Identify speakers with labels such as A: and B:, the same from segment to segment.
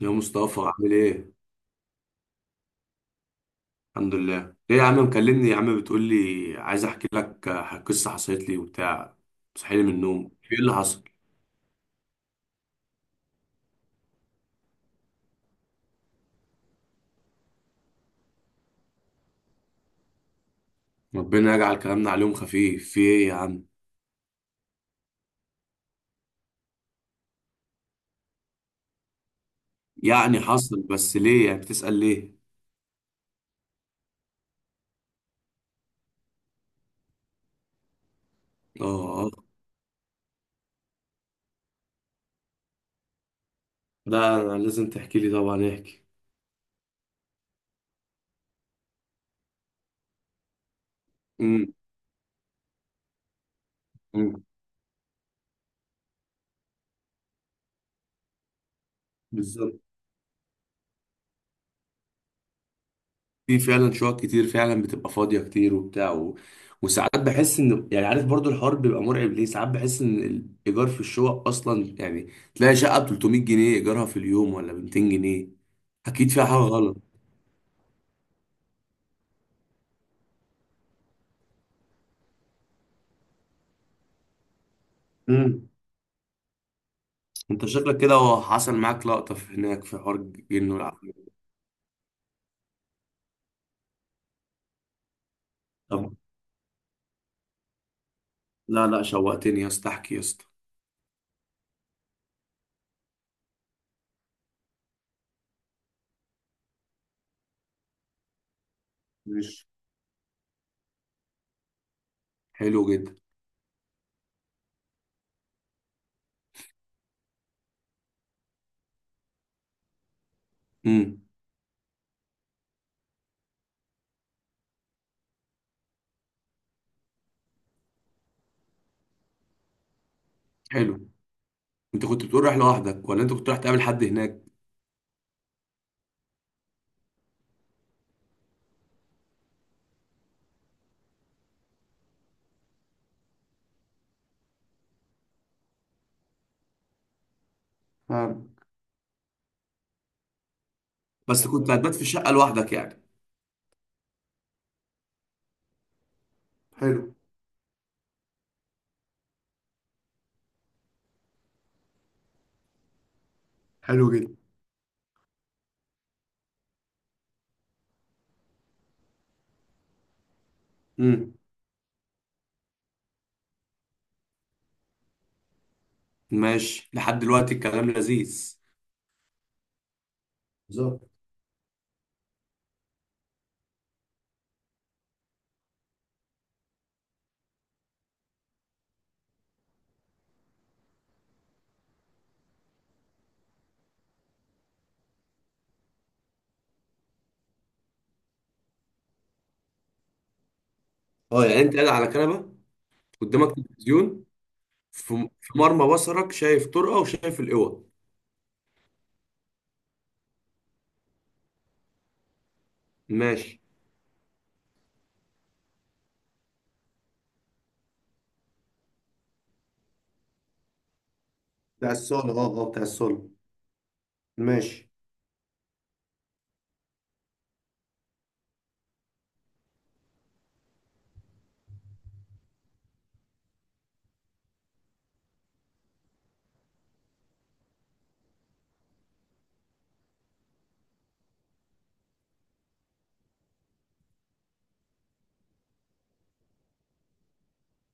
A: يا مصطفى عامل ايه؟ الحمد لله. ايه يا عم، مكلمني يا عم بتقول لي عايز احكي لك قصة حصلت لي وبتاع، صحيني من النوم، في ايه اللي حصل؟ ربنا يجعل كلامنا عليهم خفيف، في ايه يا عم؟ يعني حصل، بس ليه يعني بتسأل ليه؟ اه اه. ده انا لازم تحكي لي، طبعا احكي. امم. امم، بالظبط. في فعلا شقق كتير فعلا بتبقى فاضية كتير وبتاع وساعات بحس ان يعني عارف برضو الحوار بيبقى مرعب، ليه ساعات بحس ان الايجار في الشقق اصلا يعني تلاقي شقة ب 300 جنيه ايجارها في اليوم، ولا ب 200 جنيه. اكيد فيها حاجة غلط. امم، انت شكلك كده هو حصل معاك لقطة في هناك في حوار جن والعافية. طب لا لا، شوقتني يا اسطى، احكي يا اسطى. مش حلو جدا. امم. حلو. انت كنت بتقول رايح لوحدك، ولا انت كنت رايح تقابل حد هناك؟ آه. بس كنت هتبات في الشقة لوحدك يعني. حلو. حلو جدا. امم. ماشي، لحد دلوقتي الكلام لذيذ. بالظبط. اه يعني انت قاعد على كنبه، قدامك تلفزيون، في في مرمى بصرك شايف طرقه وشايف الاوض. ماشي. بتاع الصاله، اه اه بتاع الصاله. ماشي.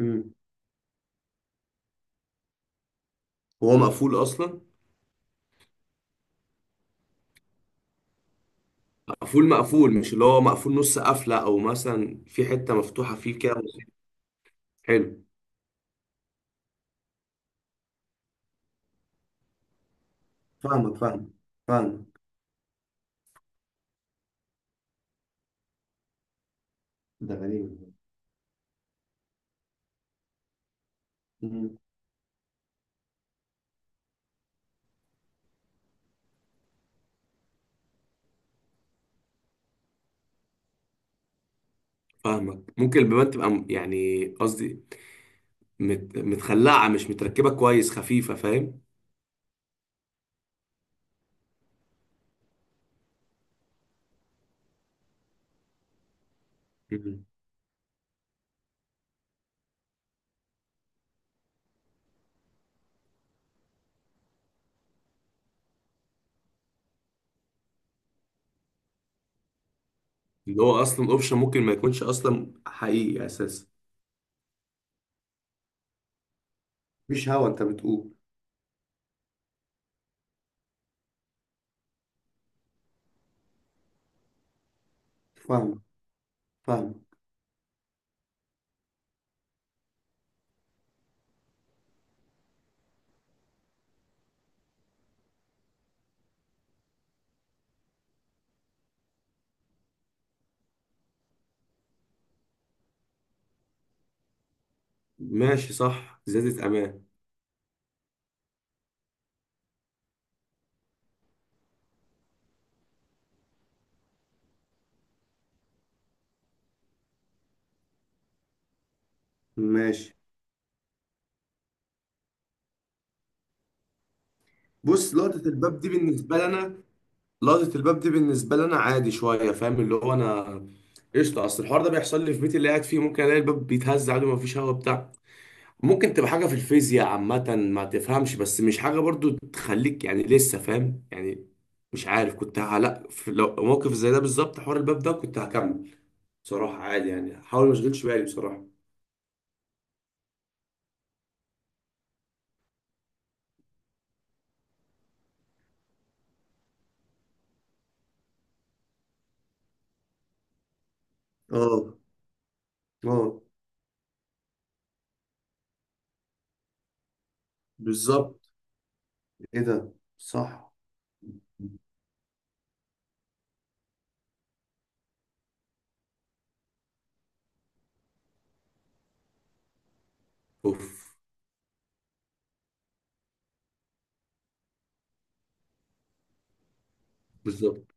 A: امم. هو مقفول اصلا؟ مقفول مقفول؟ مش اللي هو مقفول نص قفله، او مثلا في حته مفتوحه فيه كده. حلو. فاهمك فاهمك. فاهمك. ده غريب. مم. فاهمك، ممكن البيبان تبقى يعني قصدي متخلعه، مش متركبه كويس، خفيفه، فاهم؟ اللي هو اصلا اوبشن ممكن ما يكونش اصلا حقيقي اساسا. مش هوا انت بتقول؟ فاهم فاهم. ماشي صح، زيادة امان. ماشي. بص لقطة الباب دي بالنسبة لنا، لقطة الباب دي بالنسبة لنا عادي شوية، فاهم اللي هو أنا قشطة. أصل الحوار ده بيحصل لي في بيتي اللي قاعد فيه، ممكن ألاقي الباب بيتهز عادي ومفيش هوا بتاع ممكن تبقى حاجة في الفيزياء عامة ما تفهمش، بس مش حاجة برضو تخليك يعني لسه فاهم يعني. مش عارف، كنت لا، في لو موقف زي ده بالظبط حوار الباب ده كنت هكمل بصراحة عادي يعني، حاول ما اشغلش بالي بصراحة. اه. اه. بالظبط. ايه ده؟ صح. اوف. بالظبط.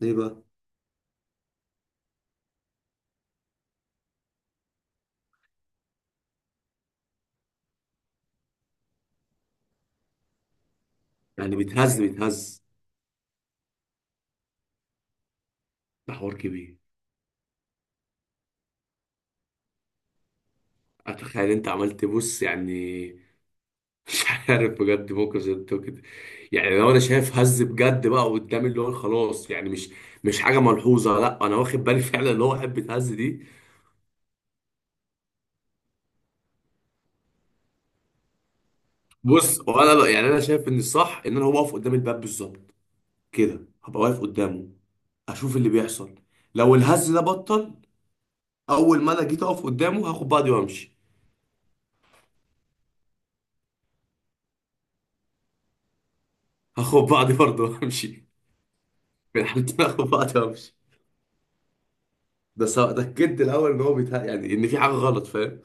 A: ليه بقى؟ يعني بيتهز بيتهز؟ ده حوار كبير. اتخيل، انت عملت بص يعني. مش عارف بجد موقف زي ده كده، يعني لو انا شايف هز بجد بقى قدامي اللي هو خلاص يعني مش مش حاجه ملحوظه، لا انا واخد بالي. فعلا اللي هو واحد بيتهز دي. بص، وانا يعني انا شايف ان الصح ان انا هو واقف قدام الباب بالظبط، كده هبقى واقف قدامه اشوف اللي بيحصل، لو الهز ده بطل اول ما انا جيت اقف قدامه هاخد بعضي وامشي. هاخد بعضي برضه وامشي. في الحالتين هاخد بعضي وامشي. ده سواء اتاكدت الاول ان هو بيتها يعني ان في حاجه غلط، فاهم؟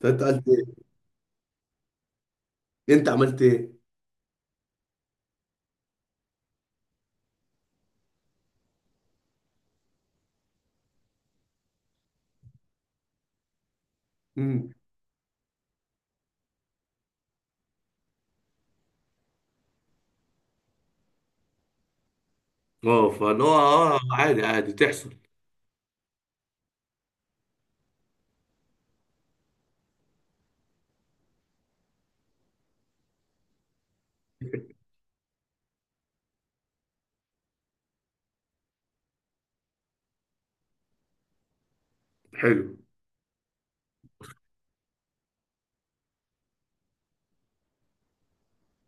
A: فانت قلت ايه؟ انت عملت ايه؟ امم. اه فان هو اه، عادي عادي تحصل. حلو.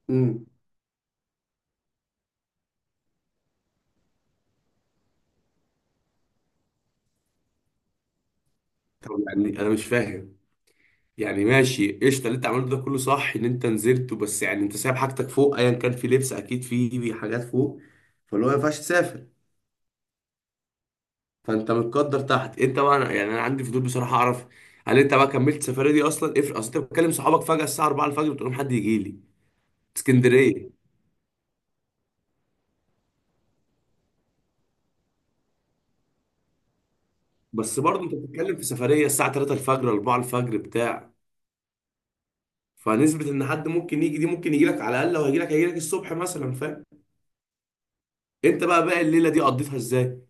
A: امم. طب يعني انا مش فاهم، يعني ماشي قشطه اللي انت عملته ده كله صح ان انت نزلت، بس يعني انت سايب حاجتك فوق، ايا كان في لبس اكيد في حاجات فوق، فاللي هو ما ينفعش تسافر. فانت متقدر تحت، انت بقى يعني انا عندي فضول بصراحه اعرف هل انت بقى كملت السفريه دي اصلا، افرق. اصل انت بتكلم صحابك فجاه الساعه 4 الفجر بتقول لهم حد يجي لي اسكندريه. بس برضه انت بتتكلم في سفريه الساعه 3 الفجر 4 الفجر بتاع فنسبه ان حد ممكن يجي دي ممكن يجي لك، على الاقل لو هيجي لك هيجي لك الصبح مثلا، فاهم؟ انت بقى باقي الليله دي قضيتها ازاي؟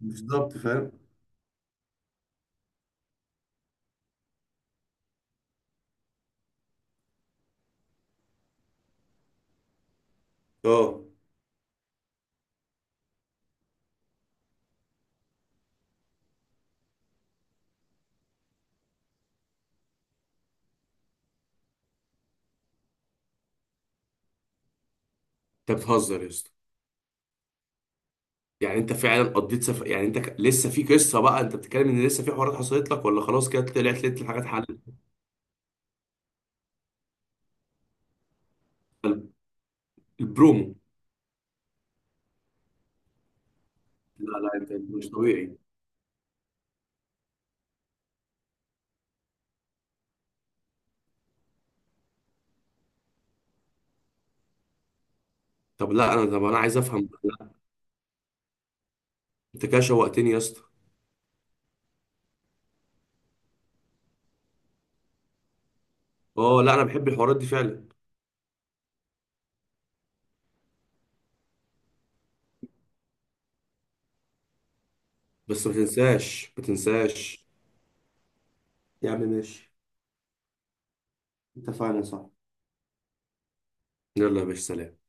A: بالظبط، فاهم. اه، انت بتهزر يا اسطى؟ يعني انت فعلا قضيت سفر؟ يعني انت لسه في قصه بقى انت بتتكلم ان لسه في حوارات حصلت لك، ولا خلاص كده طلعت لقيت الحاجات حل؟ البرومو. لا لا، انت مش طبيعي. طب لا انا، طب انا عايز افهم، لا. انت كده شوقتني يا اسطى. اه لا، انا بحب الحوارات دي فعلا. بس ما تنساش ما تنساش. يا عم ماشي. اتفقنا. صح. يلا يا باشا سلام.